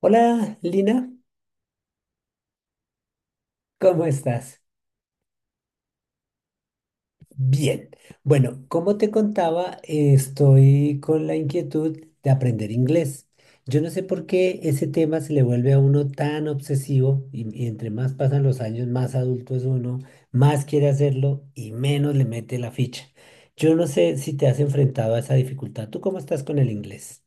Hola, Lina, ¿cómo estás? Bien. Bueno, como te contaba, estoy con la inquietud de aprender inglés. Yo no sé por qué ese tema se le vuelve a uno tan obsesivo y entre más pasan los años, más adulto es uno, más quiere hacerlo y menos le mete la ficha. Yo no sé si te has enfrentado a esa dificultad. ¿Tú cómo estás con el inglés?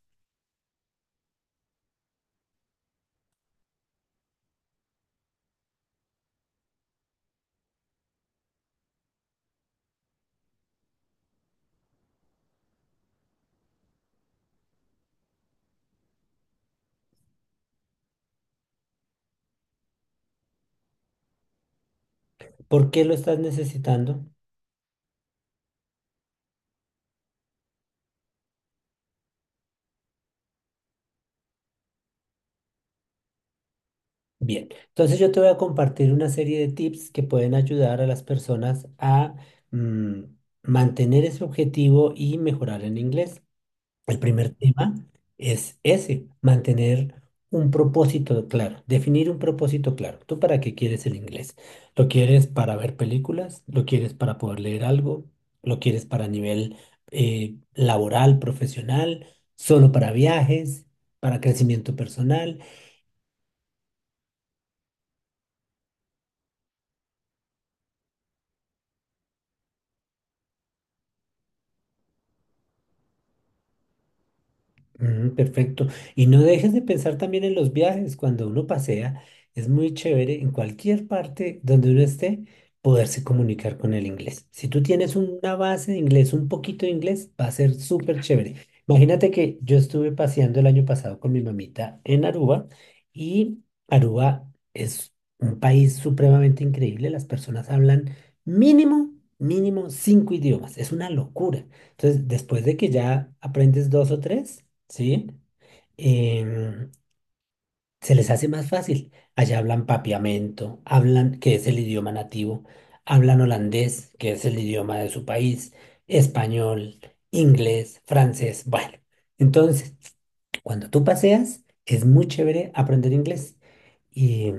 ¿Por qué lo estás necesitando? Bien, entonces yo te voy a compartir una serie de tips que pueden ayudar a las personas a mm, mantener ese objetivo y mejorar en inglés. El primer tema es ese, mantener un propósito claro, definir un propósito claro. ¿Tú para qué quieres el inglés? ¿Lo quieres para ver películas? ¿Lo quieres para poder leer algo? ¿Lo quieres para nivel laboral, profesional? ¿Solo para viajes? ¿Para crecimiento personal? Mm, perfecto. Y no dejes de pensar también en los viajes. Cuando uno pasea, es muy chévere en cualquier parte donde uno esté poderse comunicar con el inglés. Si tú tienes una base de inglés, un poquito de inglés, va a ser súper chévere. Imagínate que yo estuve paseando el año pasado con mi mamita en Aruba y Aruba es un país supremamente increíble. Las personas hablan mínimo, mínimo cinco idiomas. Es una locura. Entonces, después de que ya aprendes dos o tres, ¿sí? Em, se les hace más fácil. Allá hablan papiamento, hablan, que es el idioma nativo, hablan holandés, que es el idioma de su país, español, inglés, francés, bueno. Entonces, cuando tú paseas, es muy chévere aprender inglés. Y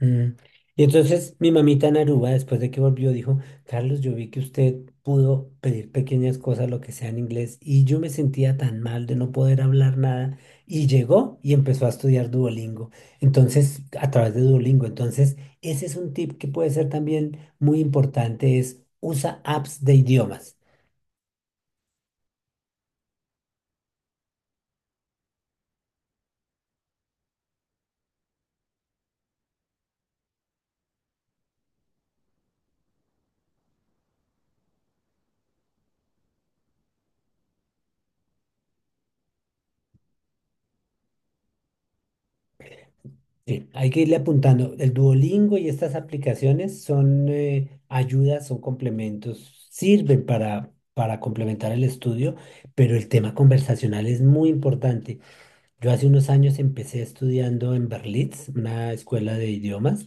Mm. Y entonces mi mamita en Aruba, después de que volvió, dijo, Carlos, yo vi que usted pudo pedir pequeñas cosas, lo que sea en inglés, y yo me sentía tan mal de no poder hablar nada, y llegó y empezó a estudiar Duolingo, entonces, a través de Duolingo. Entonces, ese es un tip que puede ser también muy importante, es usa apps de idiomas. Sí, hay que irle apuntando. El Duolingo y estas aplicaciones son ayudas, son complementos, sirven para complementar el estudio, pero el tema conversacional es muy importante. Yo hace unos años empecé estudiando en Berlitz, una escuela de idiomas,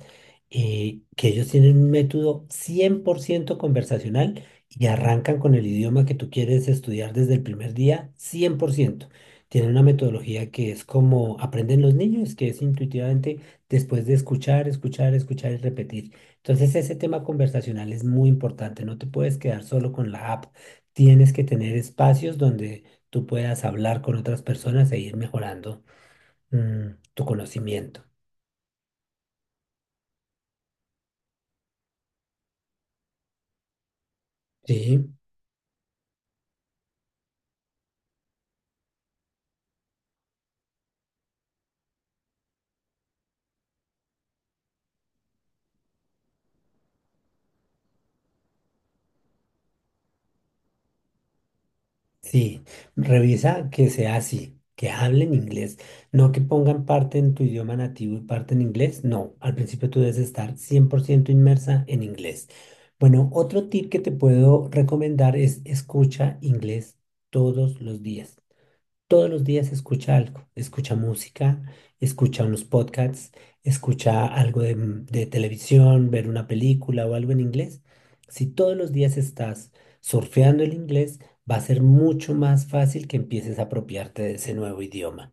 que ellos tienen un método 100% conversacional y arrancan con el idioma que tú quieres estudiar desde el primer día, 100%. Tienen una metodología que es como aprenden los niños, que es intuitivamente después de escuchar, escuchar, escuchar y repetir. Entonces ese tema conversacional es muy importante, no te puedes quedar solo con la app, tienes que tener espacios donde tú puedas hablar con otras personas e ir mejorando tu conocimiento. Sí, sí. Revisa que sea así, que hablen inglés, no que pongan parte en tu idioma nativo y parte en inglés. No, al principio tú debes estar 100% inmersa en inglés. Bueno, otro tip que te puedo recomendar es escucha inglés todos los días. Todos los días escucha algo, escucha música, escucha unos podcasts, escucha algo de, de televisión, ver una película o algo en inglés. Si todos los días estás surfeando el inglés, va a ser mucho más fácil que empieces a apropiarte de ese nuevo idioma.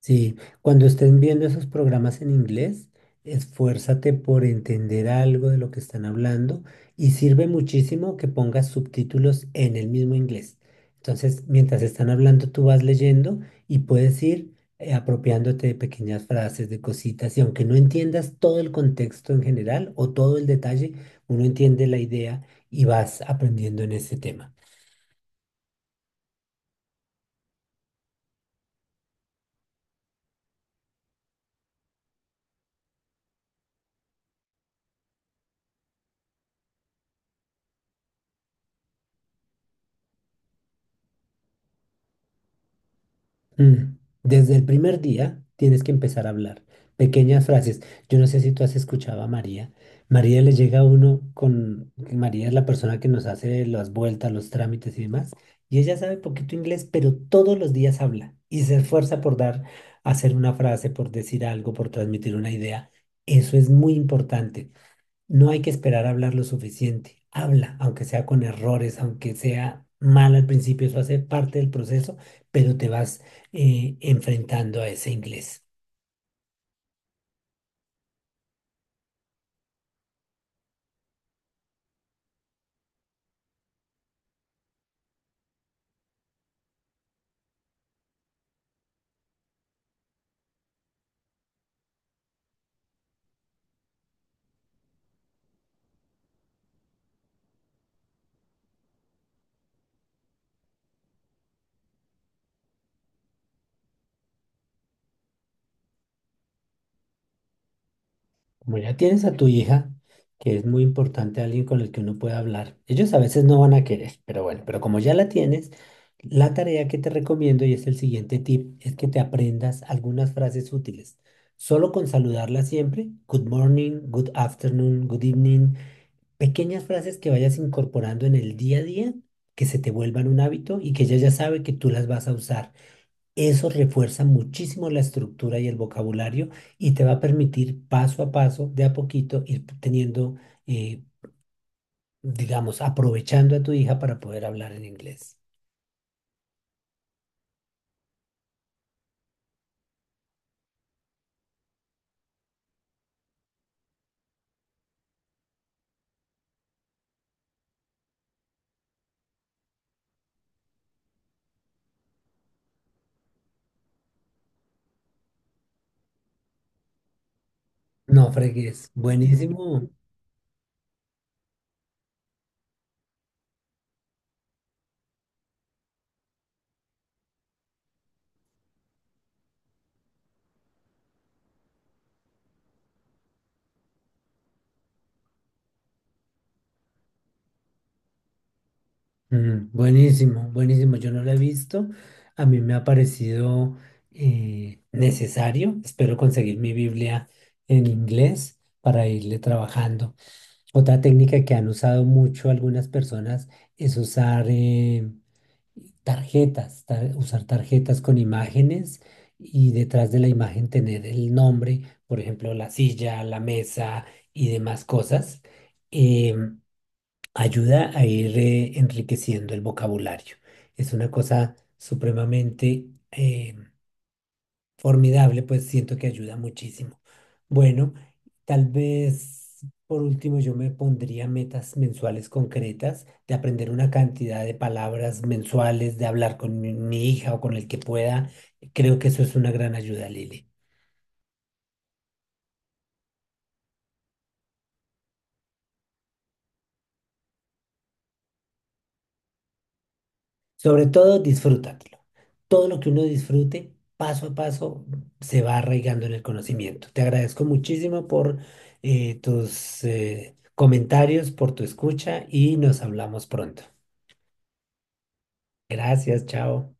Sí, cuando estén viendo esos programas en inglés, esfuérzate por entender algo de lo que están hablando y sirve muchísimo que pongas subtítulos en el mismo inglés. Entonces, mientras están hablando, tú vas leyendo y puedes ir apropiándote de pequeñas frases, de cositas, y aunque no entiendas todo el contexto en general o todo el detalle, uno entiende la idea y vas aprendiendo en ese tema. Mm. Desde el primer día tienes que empezar a hablar. Pequeñas frases. Yo no sé si tú has escuchado a María. María le llega a uno con... María es la persona que nos hace las vueltas, los trámites y demás. Y ella sabe poquito inglés, pero todos los días habla y se esfuerza por dar, hacer una frase, por decir algo, por transmitir una idea. Eso es muy importante. No hay que esperar a hablar lo suficiente. Habla, aunque sea con errores, aunque sea mal al principio, eso hace parte del proceso, pero te vas enfrentando a ese inglés. Como ya tienes a tu hija, que es muy importante alguien con el que uno pueda hablar. Ellos a veces no van a querer, pero bueno, pero como ya la tienes, la tarea que te recomiendo y es el siguiente tip, es que te aprendas algunas frases útiles. Solo con saludarla siempre, good morning, good afternoon, good evening. Pequeñas frases que vayas incorporando en el día a día, que se te vuelvan un hábito y que ella ya sabe que tú las vas a usar. Eso refuerza muchísimo la estructura y el vocabulario y te va a permitir paso a paso, de a poquito, ir teniendo, eh, digamos, aprovechando a tu hija para poder hablar en inglés. No fregues. Buenísimo. Mm, buenísimo, buenísimo. Yo no lo he visto. A mí me ha parecido necesario. Espero conseguir mi Biblia en inglés para irle trabajando. Otra técnica que han usado mucho algunas personas es usar tarjetas, usar tarjetas con imágenes y detrás de la imagen tener el nombre, por ejemplo, la silla, la mesa y demás cosas. Em, ayuda a ir enriqueciendo el vocabulario. Es una cosa supremamente formidable, pues siento que ayuda muchísimo. Bueno, tal vez por último yo me pondría metas mensuales concretas de aprender una cantidad de palabras mensuales, de hablar con mi hija o con el que pueda. Creo que eso es una gran ayuda, Lili. Sobre todo, disfrútatelo. Todo lo que uno disfrute, paso a paso, se va arraigando en el conocimiento. Te agradezco muchísimo por tus comentarios, por tu escucha y nos hablamos pronto. Gracias, chao.